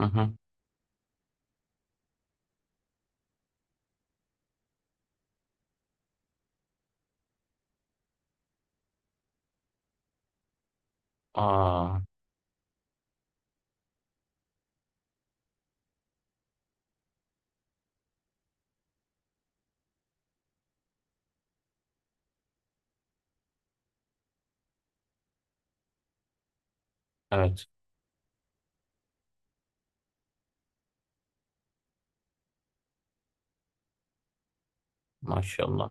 Hı hı. Aa, evet. Maşallah.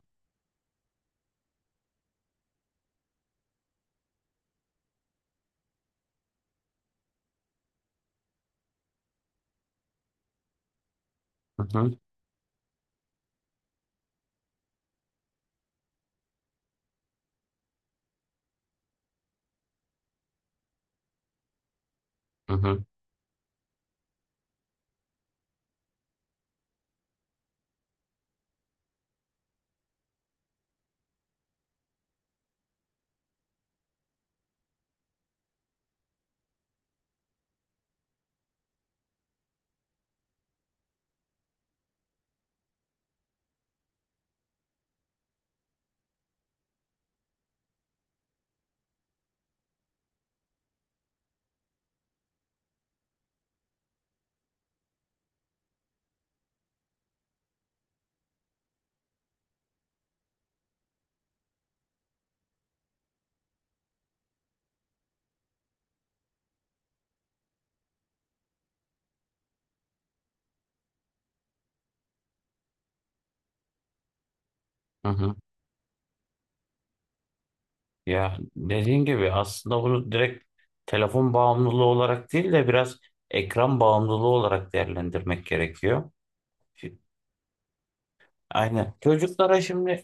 Hı hı. Hı hı. Hı hı. Ya dediğin gibi aslında bunu direkt telefon bağımlılığı olarak değil de biraz ekran bağımlılığı olarak değerlendirmek gerekiyor. Şi- Aynen. Çocuklara şimdi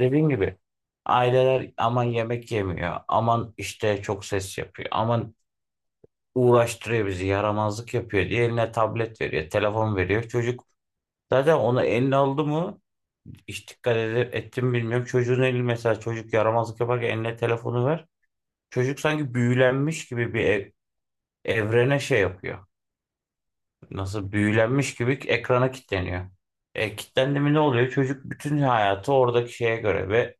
dediğin gibi aileler aman yemek yemiyor, aman işte çok ses yapıyor, aman uğraştırıyor bizi, yaramazlık yapıyor diye eline tablet veriyor, telefon veriyor. Çocuk zaten onu eline aldı mı, hiç dikkat edip ettim bilmiyorum. Çocuğun eli mesela, çocuk yaramazlık yaparken eline telefonu ver. Çocuk sanki büyülenmiş gibi evrene şey yapıyor. Nasıl büyülenmiş gibi ekrana kilitleniyor. Kilitlendi mi ne oluyor? Çocuk bütün hayatı oradaki şeye göre ve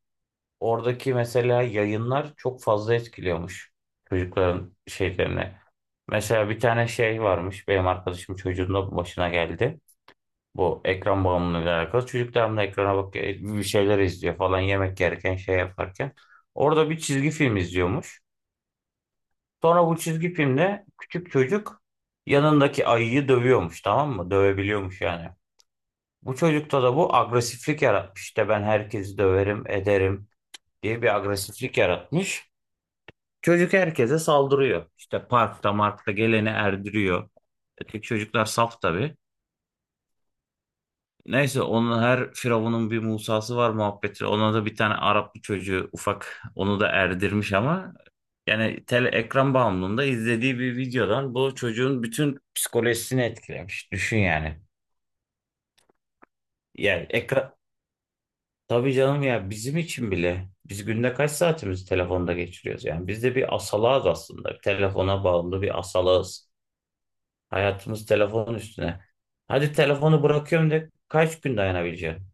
oradaki mesela yayınlar çok fazla etkiliyormuş çocukların şeylerine. Mesela bir tane şey varmış, benim arkadaşım çocuğun da başına geldi. Bu ekran bağımlılığıyla alakalı. Çocuk devamlı ekrana bakıyor, bir şeyler izliyor falan, yemek yerken şey yaparken. Orada bir çizgi film izliyormuş. Sonra bu çizgi filmde küçük çocuk yanındaki ayıyı dövüyormuş, tamam mı? Dövebiliyormuş yani. Bu çocukta da bu agresiflik yaratmış. İşte ben herkesi döverim, ederim diye bir agresiflik yaratmış. Çocuk herkese saldırıyor. İşte parkta markta geleni erdiriyor. Öteki çocuklar saf tabii. Neyse, onun her firavunun bir Musa'sı var muhabbeti. Ona da bir tane Arap bir çocuğu ufak, onu da erdirmiş ama yani tele ekran bağımlılığında izlediği bir videodan bu çocuğun bütün psikolojisini etkilemiş. Düşün yani. Yani ekran, tabii canım ya, bizim için bile biz günde kaç saatimizi telefonda geçiriyoruz yani. Biz de bir asalağız aslında. Telefona bağımlı bir asalağız. Hayatımız telefon üstüne. Hadi telefonu bırakıyorum de, kaç gün dayanabileceğim?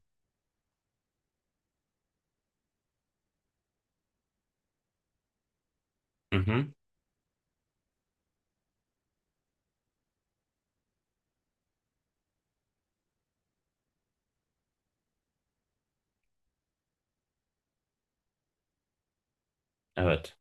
Hı hı. Evet.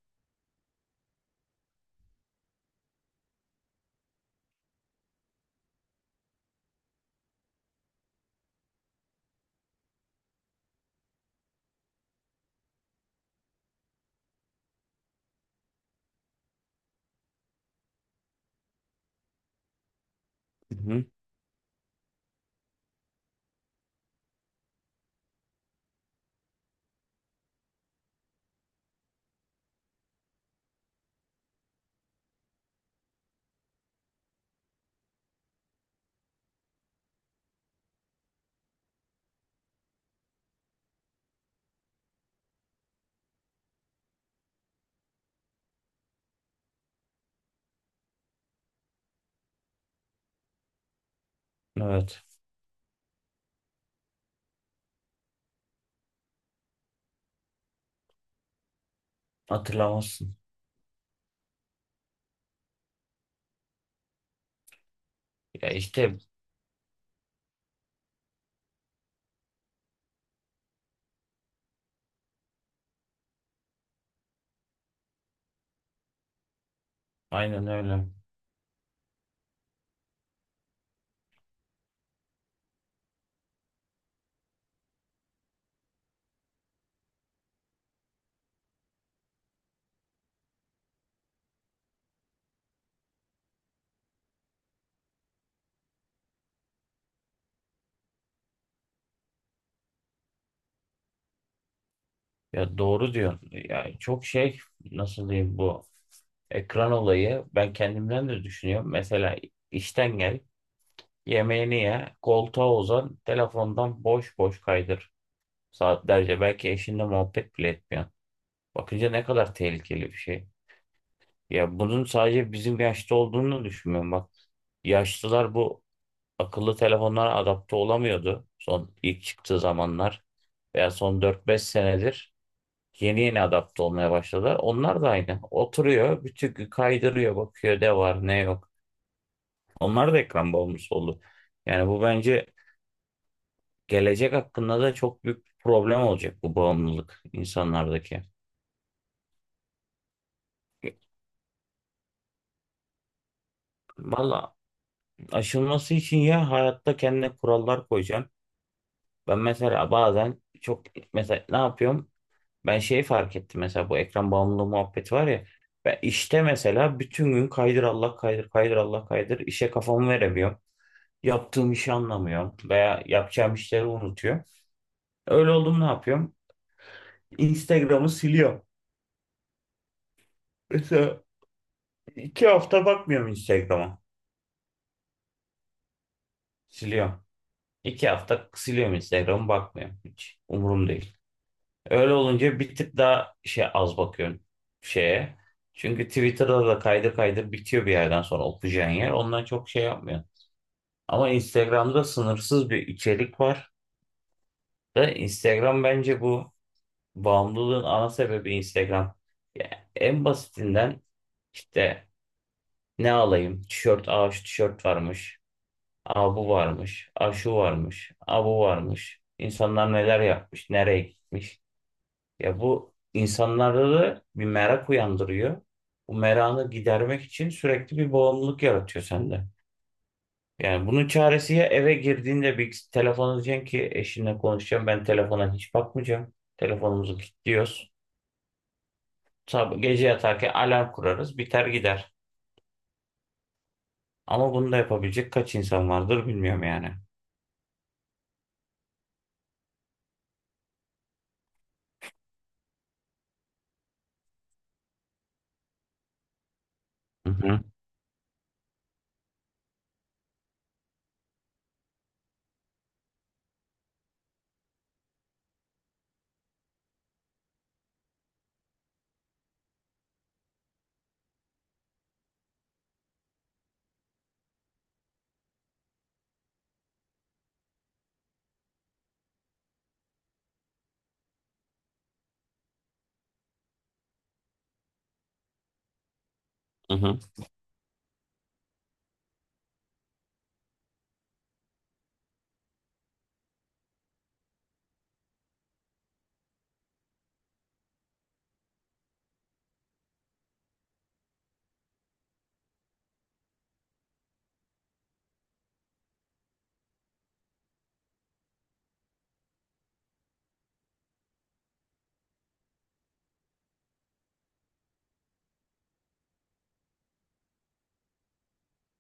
Hı hı. Evet. Hatırlamazsın. Ya işte aynen öyle. Ya doğru diyor. Ya çok şey, nasıl diyeyim, bu ekran olayı ben kendimden de düşünüyorum. Mesela işten gel, yemeğini ye, koltuğa uzan, telefondan boş boş kaydır saatlerce. Belki eşinle muhabbet bile etmiyorsun. Bakınca ne kadar tehlikeli bir şey. Ya bunun sadece bizim yaşta olduğunu düşünmüyorum bak. Yaşlılar bu akıllı telefonlara adapte olamıyordu son, ilk çıktığı zamanlar, veya son 4-5 senedir yeni yeni adapte olmaya başladılar. Onlar da aynı. Oturuyor, bütün gün kaydırıyor, bakıyor ne var ne yok. Onlar da ekran bağımlısı oldu. Yani bu bence gelecek hakkında da çok büyük bir problem olacak, bu bağımlılık insanlardaki. Valla, aşılması için ya hayatta kendine kurallar koyacaksın. Ben mesela bazen çok, mesela ne yapıyorum? Ben şey fark ettim mesela, bu ekran bağımlılığı muhabbeti var ya. Ben işte mesela bütün gün kaydır Allah kaydır, kaydır Allah kaydır, işe kafamı veremiyorum. Yaptığım işi anlamıyorum veya yapacağım işleri unutuyor. Öyle oldum, ne yapıyorum? Instagram'ı siliyorum. Mesela 2 hafta bakmıyorum Instagram'a. Siliyorum. 2 hafta siliyorum, Instagram'ı bakmıyorum. Hiç umurum değil. Öyle olunca bir tık daha şey, az bakıyorum şeye. Çünkü Twitter'da da kaydır kaydır bitiyor bir yerden sonra okuyacağın yer. Ondan çok şey yapmıyor. Ama Instagram'da sınırsız bir içerik var. Ve Instagram bence bu bağımlılığın ana sebebi Instagram. Ya en basitinden işte ne alayım? Tişört. Aa, şu tişört varmış. Aa, bu varmış. Aa, şu varmış. Aa, bu varmış. İnsanlar neler yapmış, nereye gitmiş. Ya bu insanlarda da bir merak uyandırıyor. Bu merakı gidermek için sürekli bir bağımlılık yaratıyor sende. Yani bunun çaresi, ya eve girdiğinde bir telefon diyeceksin ki eşinle konuşacağım, ben telefona hiç bakmayacağım. Telefonumuzu kilitliyoruz. Sabah gece yatarken alarm kurarız, biter gider. Ama bunu da yapabilecek kaç insan vardır bilmiyorum yani. Hı hı, hı hı,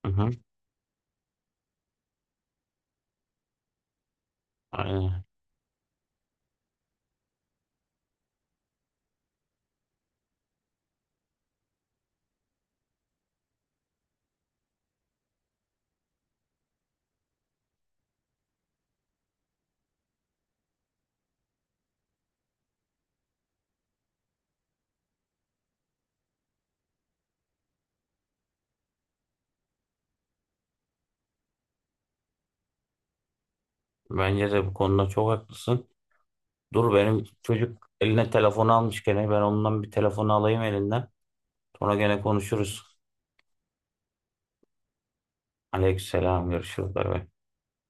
hı hı. Aynen. Bence de bu konuda çok haklısın. Dur, benim çocuk eline telefonu almış gene, ben ondan bir telefonu alayım elinden. Sonra gene konuşuruz. Aleykümselam. Görüşürüz. Bay bay.